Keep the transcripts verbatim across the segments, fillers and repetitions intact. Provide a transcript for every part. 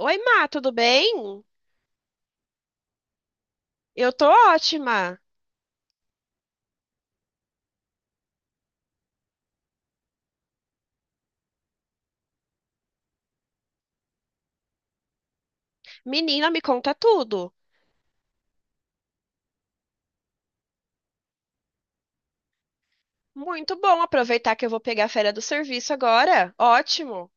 Oi, Má, tudo bem? Eu tô ótima. Menina, me conta tudo. Muito bom aproveitar que eu vou pegar a férias do serviço agora. Ótimo.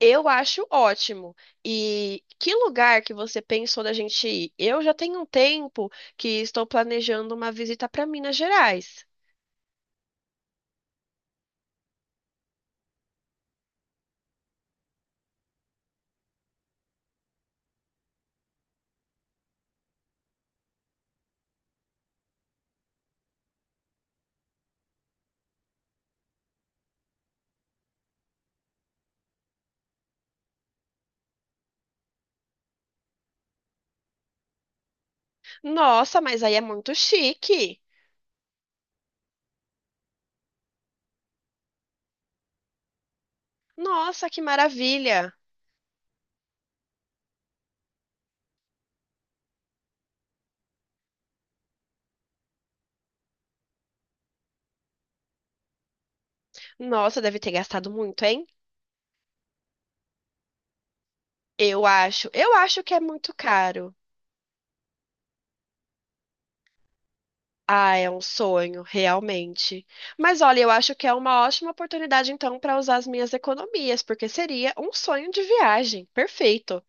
Eu acho ótimo. E que lugar que você pensou da gente ir? Eu já tenho um tempo que estou planejando uma visita para Minas Gerais. Nossa, mas aí é muito chique. Nossa, que maravilha. Nossa, deve ter gastado muito, hein? Eu acho. Eu acho que é muito caro. Ah, é um sonho, realmente. Mas olha, eu acho que é uma ótima oportunidade então para usar as minhas economias, porque seria um sonho de viagem. Perfeito.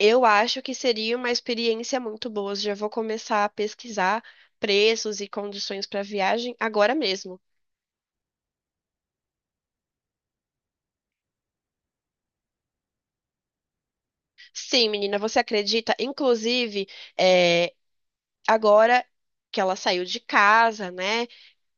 Eu acho que seria uma experiência muito boa. Já vou começar a pesquisar preços e condições para viagem agora mesmo. Sim, menina, você acredita? Inclusive, é, agora que ela saiu de casa, né?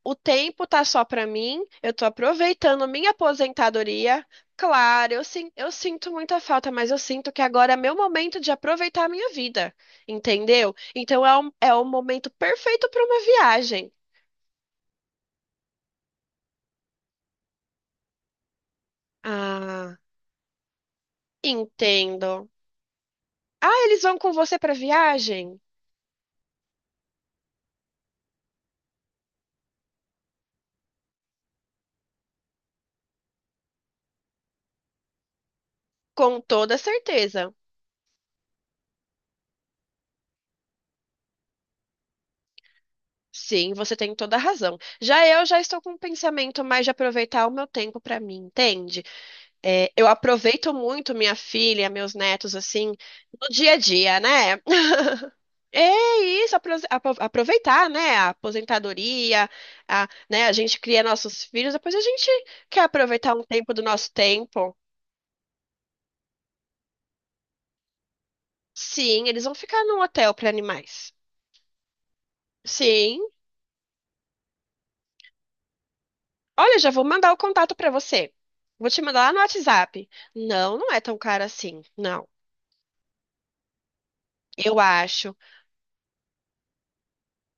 O tempo tá só pra mim, eu tô aproveitando minha aposentadoria. Claro, eu, sin- eu sinto muita falta, mas eu sinto que agora é meu momento de aproveitar a minha vida, entendeu? Então é um, é o momento perfeito pra uma viagem. Ah, entendo. Ah, eles vão com você pra viagem? Com toda certeza. Sim, você tem toda a razão. Já eu já estou com um pensamento mais de aproveitar o meu tempo pra mim, entende? É, eu aproveito muito minha filha, meus netos, assim, no dia a dia, né? É isso, apro- apro- aproveitar, né? A aposentadoria, a, né? A gente cria nossos filhos, depois a gente quer aproveitar um tempo do nosso tempo. Sim, eles vão ficar num hotel para animais. Sim. Olha, já vou mandar o contato para você. Vou te mandar lá no WhatsApp. Não, não é tão caro assim. Não. Eu acho.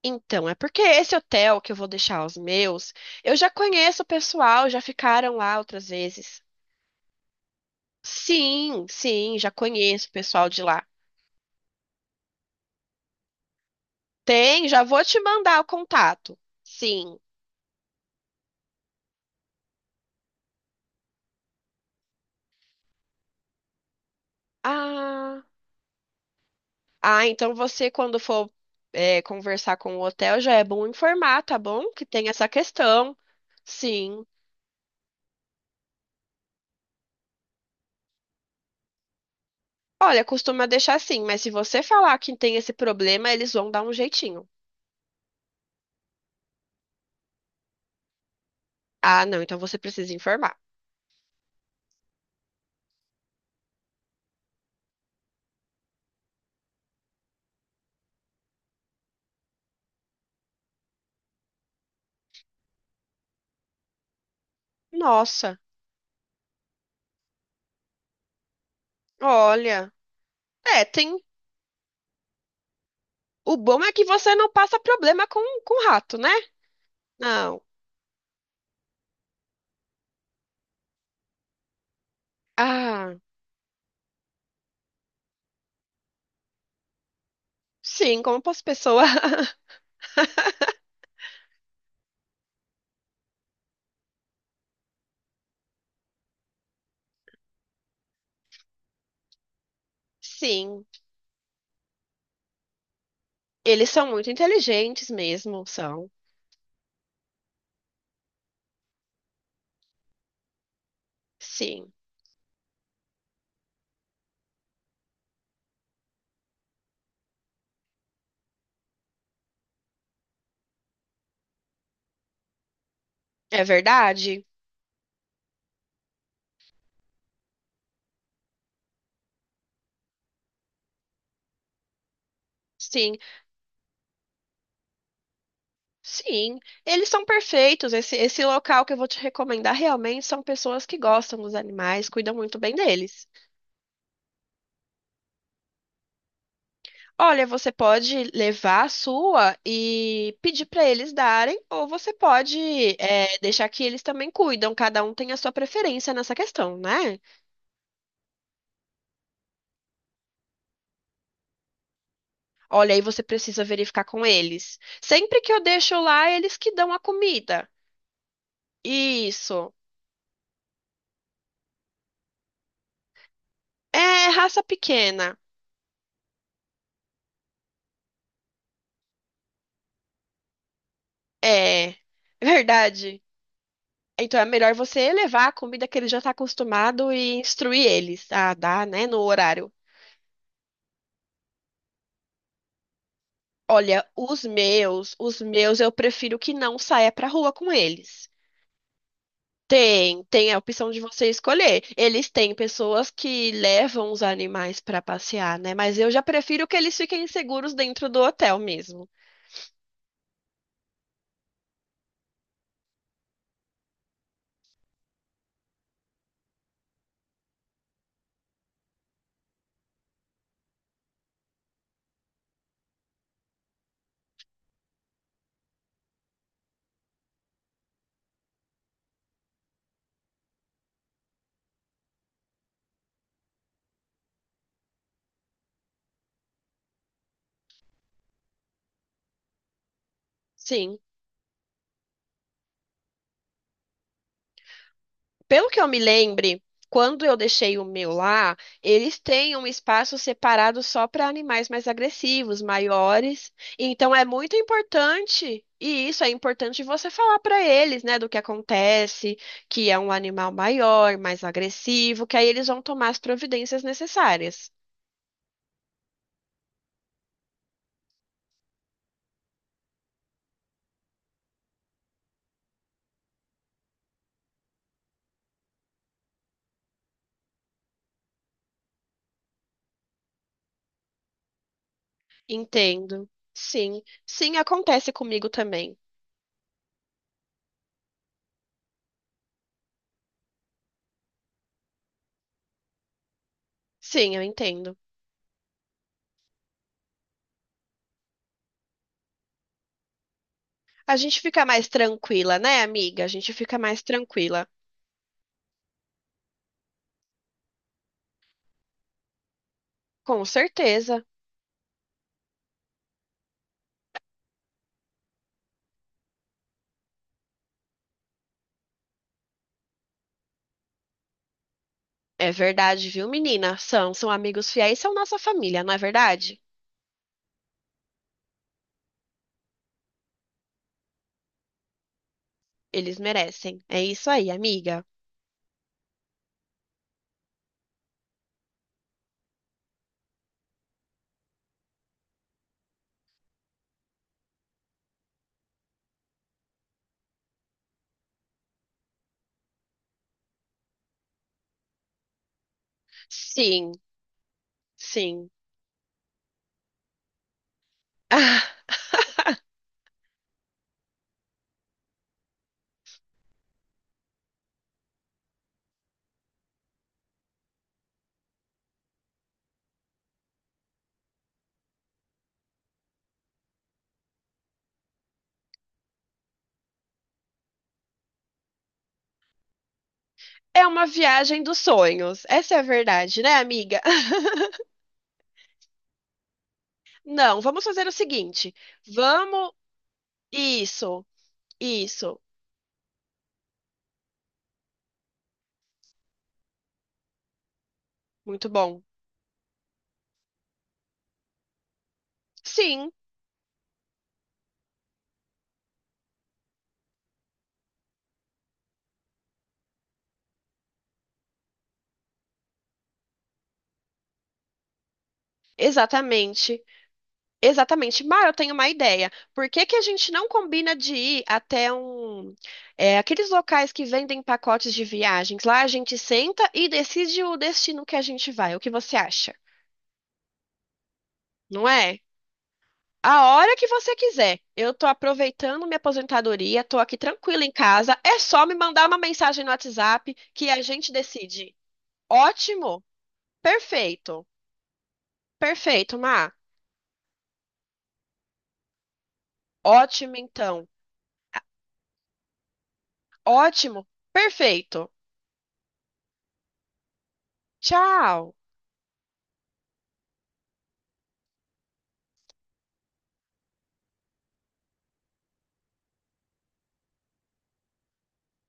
Então, é porque esse hotel que eu vou deixar os meus, eu já conheço o pessoal, já ficaram lá outras vezes. Sim, sim, já conheço o pessoal de lá. Tem, já vou te mandar o contato. Sim. Ah, ah, então você, quando for, é, conversar com o hotel, já é bom informar, tá bom? Que tem essa questão. Sim. Olha, costuma deixar assim, mas se você falar que tem esse problema, eles vão dar um jeitinho. Ah, não, então você precisa informar. Nossa, olha. É, tem. O bom é que você não passa problema com, com rato, né? Não. Ah, sim, como posso pessoa. Sim. Eles são muito inteligentes mesmo, são. Sim. É verdade? Sim. Sim. Eles são perfeitos. Esse, esse local que eu vou te recomendar realmente são pessoas que gostam dos animais, cuidam muito bem deles. Olha, você pode levar a sua e pedir para eles darem, ou você pode é, deixar que eles também cuidam. Cada um tem a sua preferência nessa questão, né? Olha, aí você precisa verificar com eles. Sempre que eu deixo lá, eles que dão a comida. Isso. É raça pequena. É verdade. Então é melhor você levar a comida que ele já está acostumado e instruir eles a dar, né, no horário. Olha, os meus, os meus eu prefiro que não saia pra rua com eles. Tem, tem a opção de você escolher. Eles têm pessoas que levam os animais pra passear, né? Mas eu já prefiro que eles fiquem seguros dentro do hotel mesmo. Sim. Pelo que eu me lembre, quando eu deixei o meu lá, eles têm um espaço separado só para animais mais agressivos, maiores. Então é muito importante, e isso é importante você falar para eles, né, do que acontece, que é um animal maior, mais agressivo, que aí eles vão tomar as providências necessárias. Entendo. Sim, sim, acontece comigo também. Sim, eu entendo. A gente fica mais tranquila, né, amiga? A gente fica mais tranquila. Com certeza. É verdade, viu, menina? São, são amigos fiéis, são nossa família, não é verdade? Eles merecem. É isso aí, amiga. Sim, sim. Ah, é uma viagem dos sonhos. Essa é a verdade, né, amiga? Não, vamos fazer o seguinte. Vamos. Isso, isso. Muito bom. Sim, exatamente. Exatamente. Mar, eu tenho uma ideia. Por que que a gente não combina de ir até um, é, aqueles locais que vendem pacotes de viagens? Lá a gente senta e decide o destino que a gente vai. O que você acha? Não é? A hora que você quiser. Eu tô aproveitando minha aposentadoria, tô aqui tranquila em casa. É só me mandar uma mensagem no WhatsApp que a gente decide. Ótimo. Perfeito. Perfeito, Mar. Ótimo, então. Ótimo. Perfeito. Tchau.